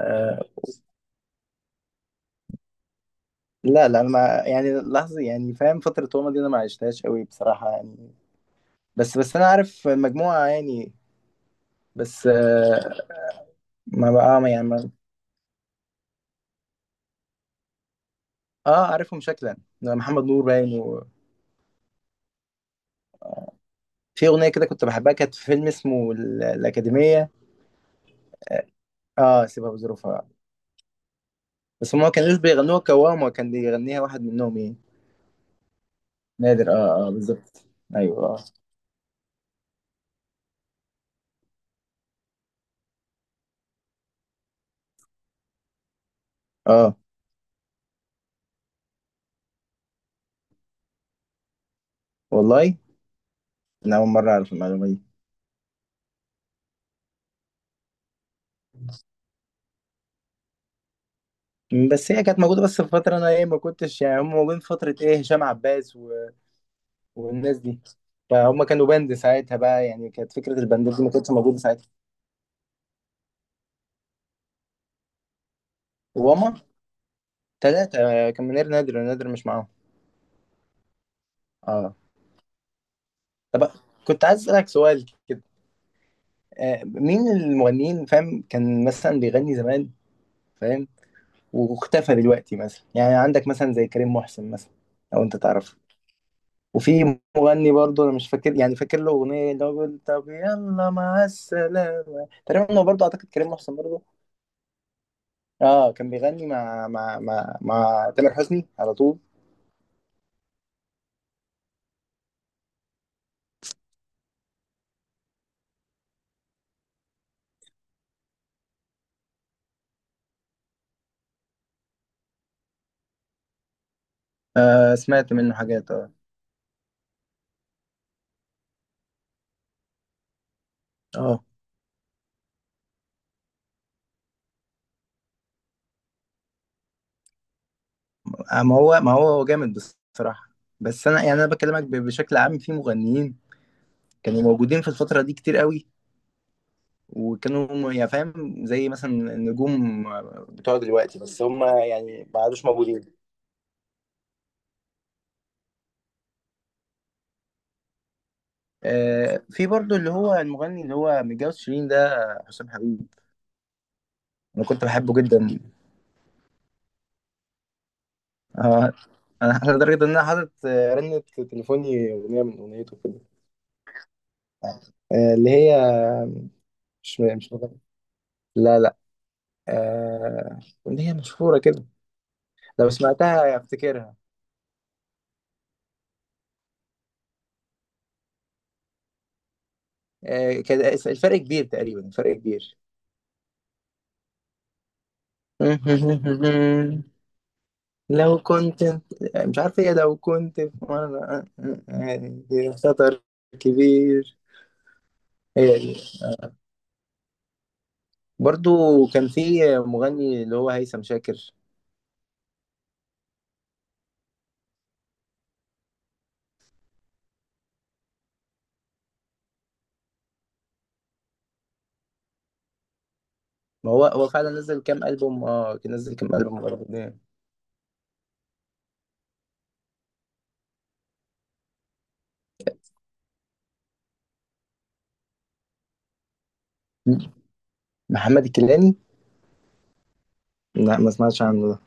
آه، لا انا ما يعني لحظه، يعني فاهم، فتره روما دي انا ما عشتهاش قوي بصراحه يعني. بس انا عارف المجموعه يعني. بس ما بقى ما يعني ما اه، عارفهم شكلا. محمد نور باين، وفي اغنيه كده كنت بحبها، كانت في فيلم اسمه الاكاديميه. اه، سيبها بظروفها. بس هم ما كانوش بيغنوها كوام، وكان بيغنيها واحد منهم ايه، نادر. اه اه بالظبط. ايوه اه اه والله، انا اول مره اعرف المعلومه دي. بس هي كانت موجوده، بس في فتره انا ايه ما كنتش، يعني هم موجودين في فتره ايه هشام عباس و... والناس دي. فهم كانوا باند ساعتها بقى، يعني كانت فكره الباندات دي ما كانتش موجوده ساعتها. وهما ثلاثه كان منير، نادر. نادر مش معاهم. اه. طب، كنت عايز اسالك سؤال كده. مين المغنيين، فاهم، كان مثلا بيغني زمان، فاهم، واختفى دلوقتي؟ مثلا يعني عندك مثلا زي كريم محسن مثلا، لو انت تعرف. وفي مغني برضه انا مش فاكر، يعني فاكر له اغنيه اللي هو بيقول طب يلا مع السلامه، تقريبا هو برضه اعتقد كريم محسن برضه. اه، كان بيغني مع تامر حسني على طول. آه سمعت منه حاجات اه. اه، ما هو هو جامد بصراحه. بس انا يعني انا بكلمك بشكل عام، في مغنيين كانوا موجودين في الفتره دي كتير قوي، يعني فاهم زي مثلا النجوم بتوع دلوقتي، بس هم يعني ما عادوش موجودين. في برضو اللي هو المغني اللي هو متجوز شيرين ده، حسام حبيب. انا كنت بحبه جدا. آه، انا أنا لدرجه ان انا حاطط رنه تليفوني اغنيه من اغنيته كده. اللي هي مش مغني. لا لا. آه، اغنيه مشهوره كده، لو سمعتها افتكرها. كان الفرق كبير، تقريبا الفرق كبير. لو كنت، مش عارف ايه، لو كنت في مرة، يعني في خطر كبير، هي دي. برضو كان في مغني اللي هو هيثم شاكر. ما هو هو فعلا نزل كام ألبوم، اه كان نزل كام ألبوم برضو يعني. محمد الكيلاني. لا، ما سمعتش عنه ده.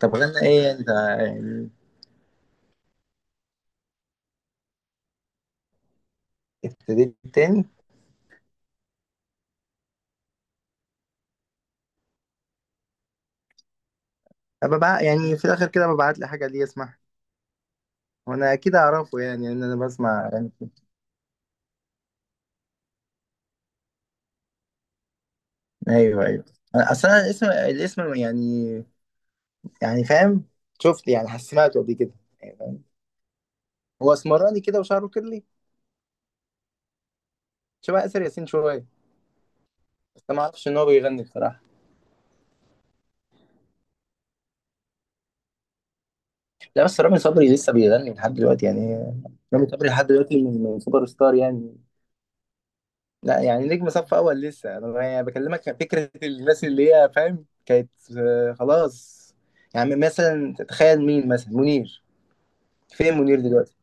طب غنى ايه انت، يعني؟ ابتديت تاني. أبقى بقى يعني في الاخر كده ببعت لي حاجه ليه اسمعها، وانا اكيد اعرفه، يعني ان انا بسمع اغاني كتير. ايوه ايوه. اصل انا الاسم، الاسم يعني، يعني فاهم، شفت يعني سمعته قبل كده. يعني فاهم؟ هو اسمراني كده وشعره كيرلي، شبه اسر ياسين شويه. بس أنا ما اعرفش ان هو بيغني بصراحه. لا بس رامي صبري لسه بيغني لحد دلوقتي يعني. رامي صبري لحد دلوقتي من سوبر ستار يعني. لا يعني نجم صف اول لسه، انا يعني بكلمك عن فكره الناس اللي هي فاهم كانت خلاص. يعني مثلا تتخيل مين؟ مثلا منير، فين منير دلوقتي؟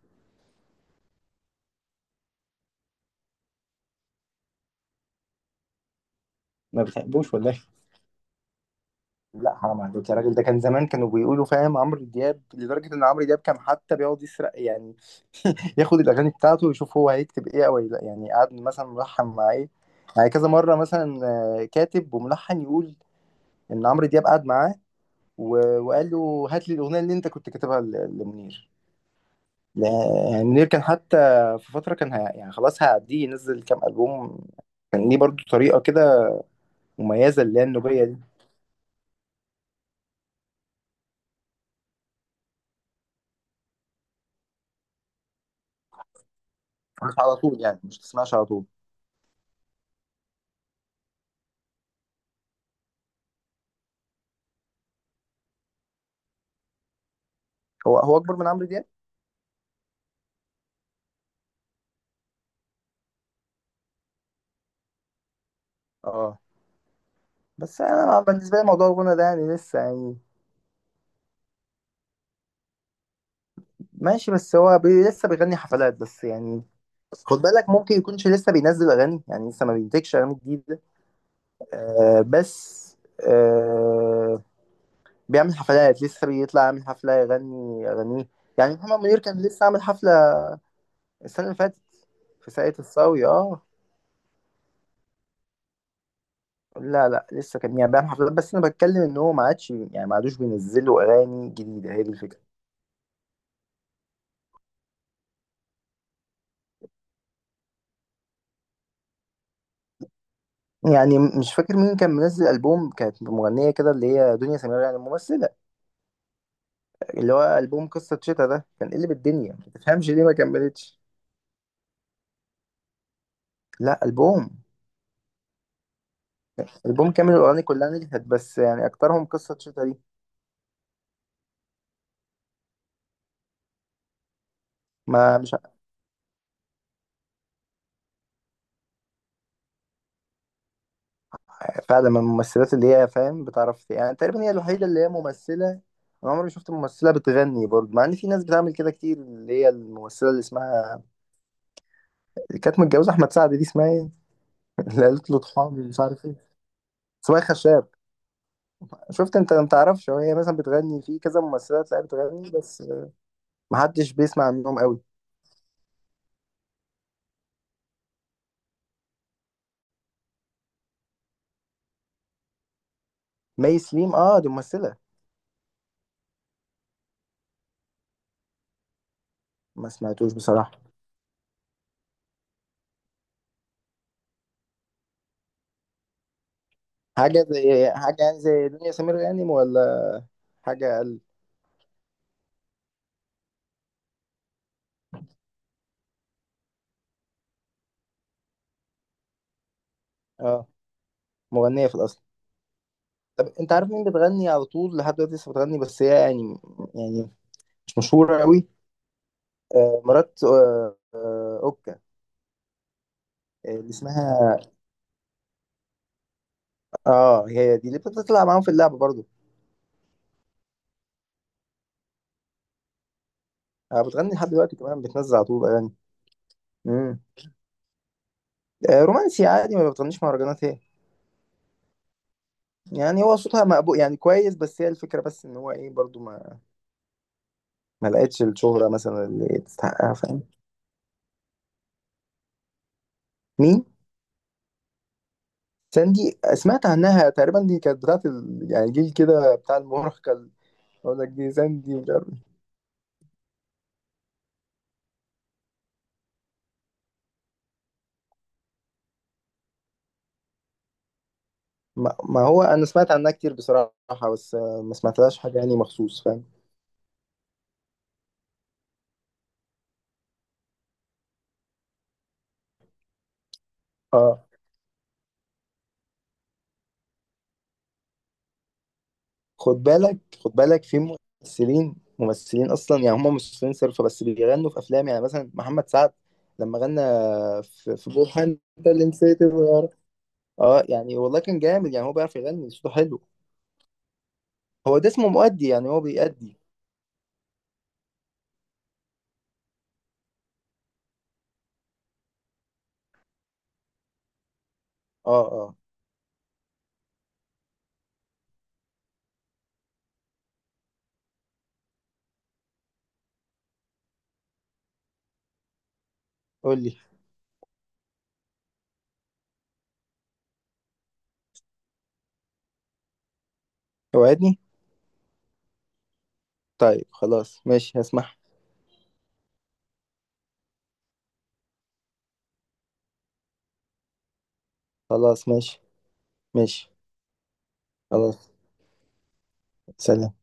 ما بتحبوش ولا ايه؟ لا حرام عليك يا راجل، ده كان زمان كانوا بيقولوا فاهم عمرو دياب لدرجه ان عمرو دياب كان حتى بيقعد يسرق، يعني ياخد الاغاني بتاعته ويشوف هو هيكتب ايه او لا، يعني قعد مثلا ملحن مع ايه، يعني كذا مره مثلا، كاتب وملحن يقول ان عمرو دياب قعد معاه، وقال له هات لي الاغنيه اللي انت كنت كاتبها لمنير. يعني منير كان حتى في فتره كان يعني خلاص هيعديه ينزل كام البوم. كان ليه برضو طريقه كده مميزه اللي هي النوبيه دي. مش على طول يعني، مش تسمعش على طول. هو هو اكبر من عمرو دياب. اه. بس انا بالنسبه لي موضوع الغنى ده يعني لسه يعني. ماشي، بس هو لسه بيغني حفلات بس يعني. خد بالك ممكن يكونش لسه بينزل اغاني، يعني لسه ما بينتجش اغاني جديده. آه بس، آه، بيعمل حفلات، لسه بيطلع يعمل حفلة يغني أغانيه. يعني محمد منير كان لسه عامل حفلة السنة اللي فاتت في ساقية الصاوي اه. لا لا لسه، كان يعني بيعمل حفلات، بس أنا بتكلم إن هو ما عادش، يعني ما عادوش بينزلوا أغاني جديدة. هي دي الفكرة. يعني مش فاكر مين كان منزل ألبوم، كانت مغنية كده اللي هي دنيا سمير يعني الممثلة، اللي هو ألبوم قصة شتا ده، كان قلب الدنيا ما تفهمش ليه ما كملتش. لا ألبوم، ألبوم كامل، الأغاني كلها نجحت، بس يعني أكترهم قصة شتا دي. ما مش، فعلا من الممثلات اللي هي فاهم بتعرف، يعني تقريبا هي الوحيده اللي هي ممثله. انا عمري ما شفت ممثله بتغني برضه، مع ان في ناس بتعمل كده كتير، اللي هي الممثله اللي اسمها، اللي كانت متجوزه احمد سعد دي، اسمها ايه؟ اللي قالت له طحالي مش عارف ايه. اسمها خشاب. شفت انت ما تعرفش؟ هو هي مثلا بتغني، في كذا ممثله تلاقيها بتغني، بس ما حدش بيسمع عنهم قوي. مي سليم اه، دي ممثله. ما سمعتوش بصراحه. حاجه زي حاجه، يعني زي دنيا سمير غانم، ولا حاجه اقل؟ اه، مغنيه في الاصل. طب انت عارف مين بتغني على طول لحد دلوقتي، لسه بتغني بس هي يعني، يعني مش مشهورة قوي، مرات اوكا، اللي اسمها، اه هي دي اللي بتطلع معاهم في اللعبة برضو. بتغني لحد دلوقتي كمان، بتنزل على طول اغاني. امم، رومانسي عادي، ما بتغنيش مهرجانات هي، يعني هو صوتها مقبول يعني كويس، بس هي الفكرة بس ان هو ايه، برضو ما ما لقتش الشهرة مثلا اللي تستحقها، فاهم. مين ساندي؟ سمعت عنها تقريبا، دي كانت بتاعت ال... يعني جيل كده بتاع المراهقة اقول لك، دي ساندي مش عارف. ما هو انا سمعت عنها كتير بصراحه، بس ما سمعتلهاش حاجه يعني مخصوص، فاهم. اه. خد بالك، خد بالك، في ممثلين، ممثلين اصلا يعني هم ممثلين صرف، بس بيغنوا في افلام، يعني مثلا محمد سعد لما غنى في بوحة انت اللي نسيت الغيار. اه يعني والله كان جامد، يعني هو بيعرف يغني صوته حلو. هو ده اسمه مؤدي، يعني هو بيأدي. اه اه. قول لي. وعدني. طيب خلاص ماشي هسمح. خلاص، ماشي. ماشي. خلاص. سلام.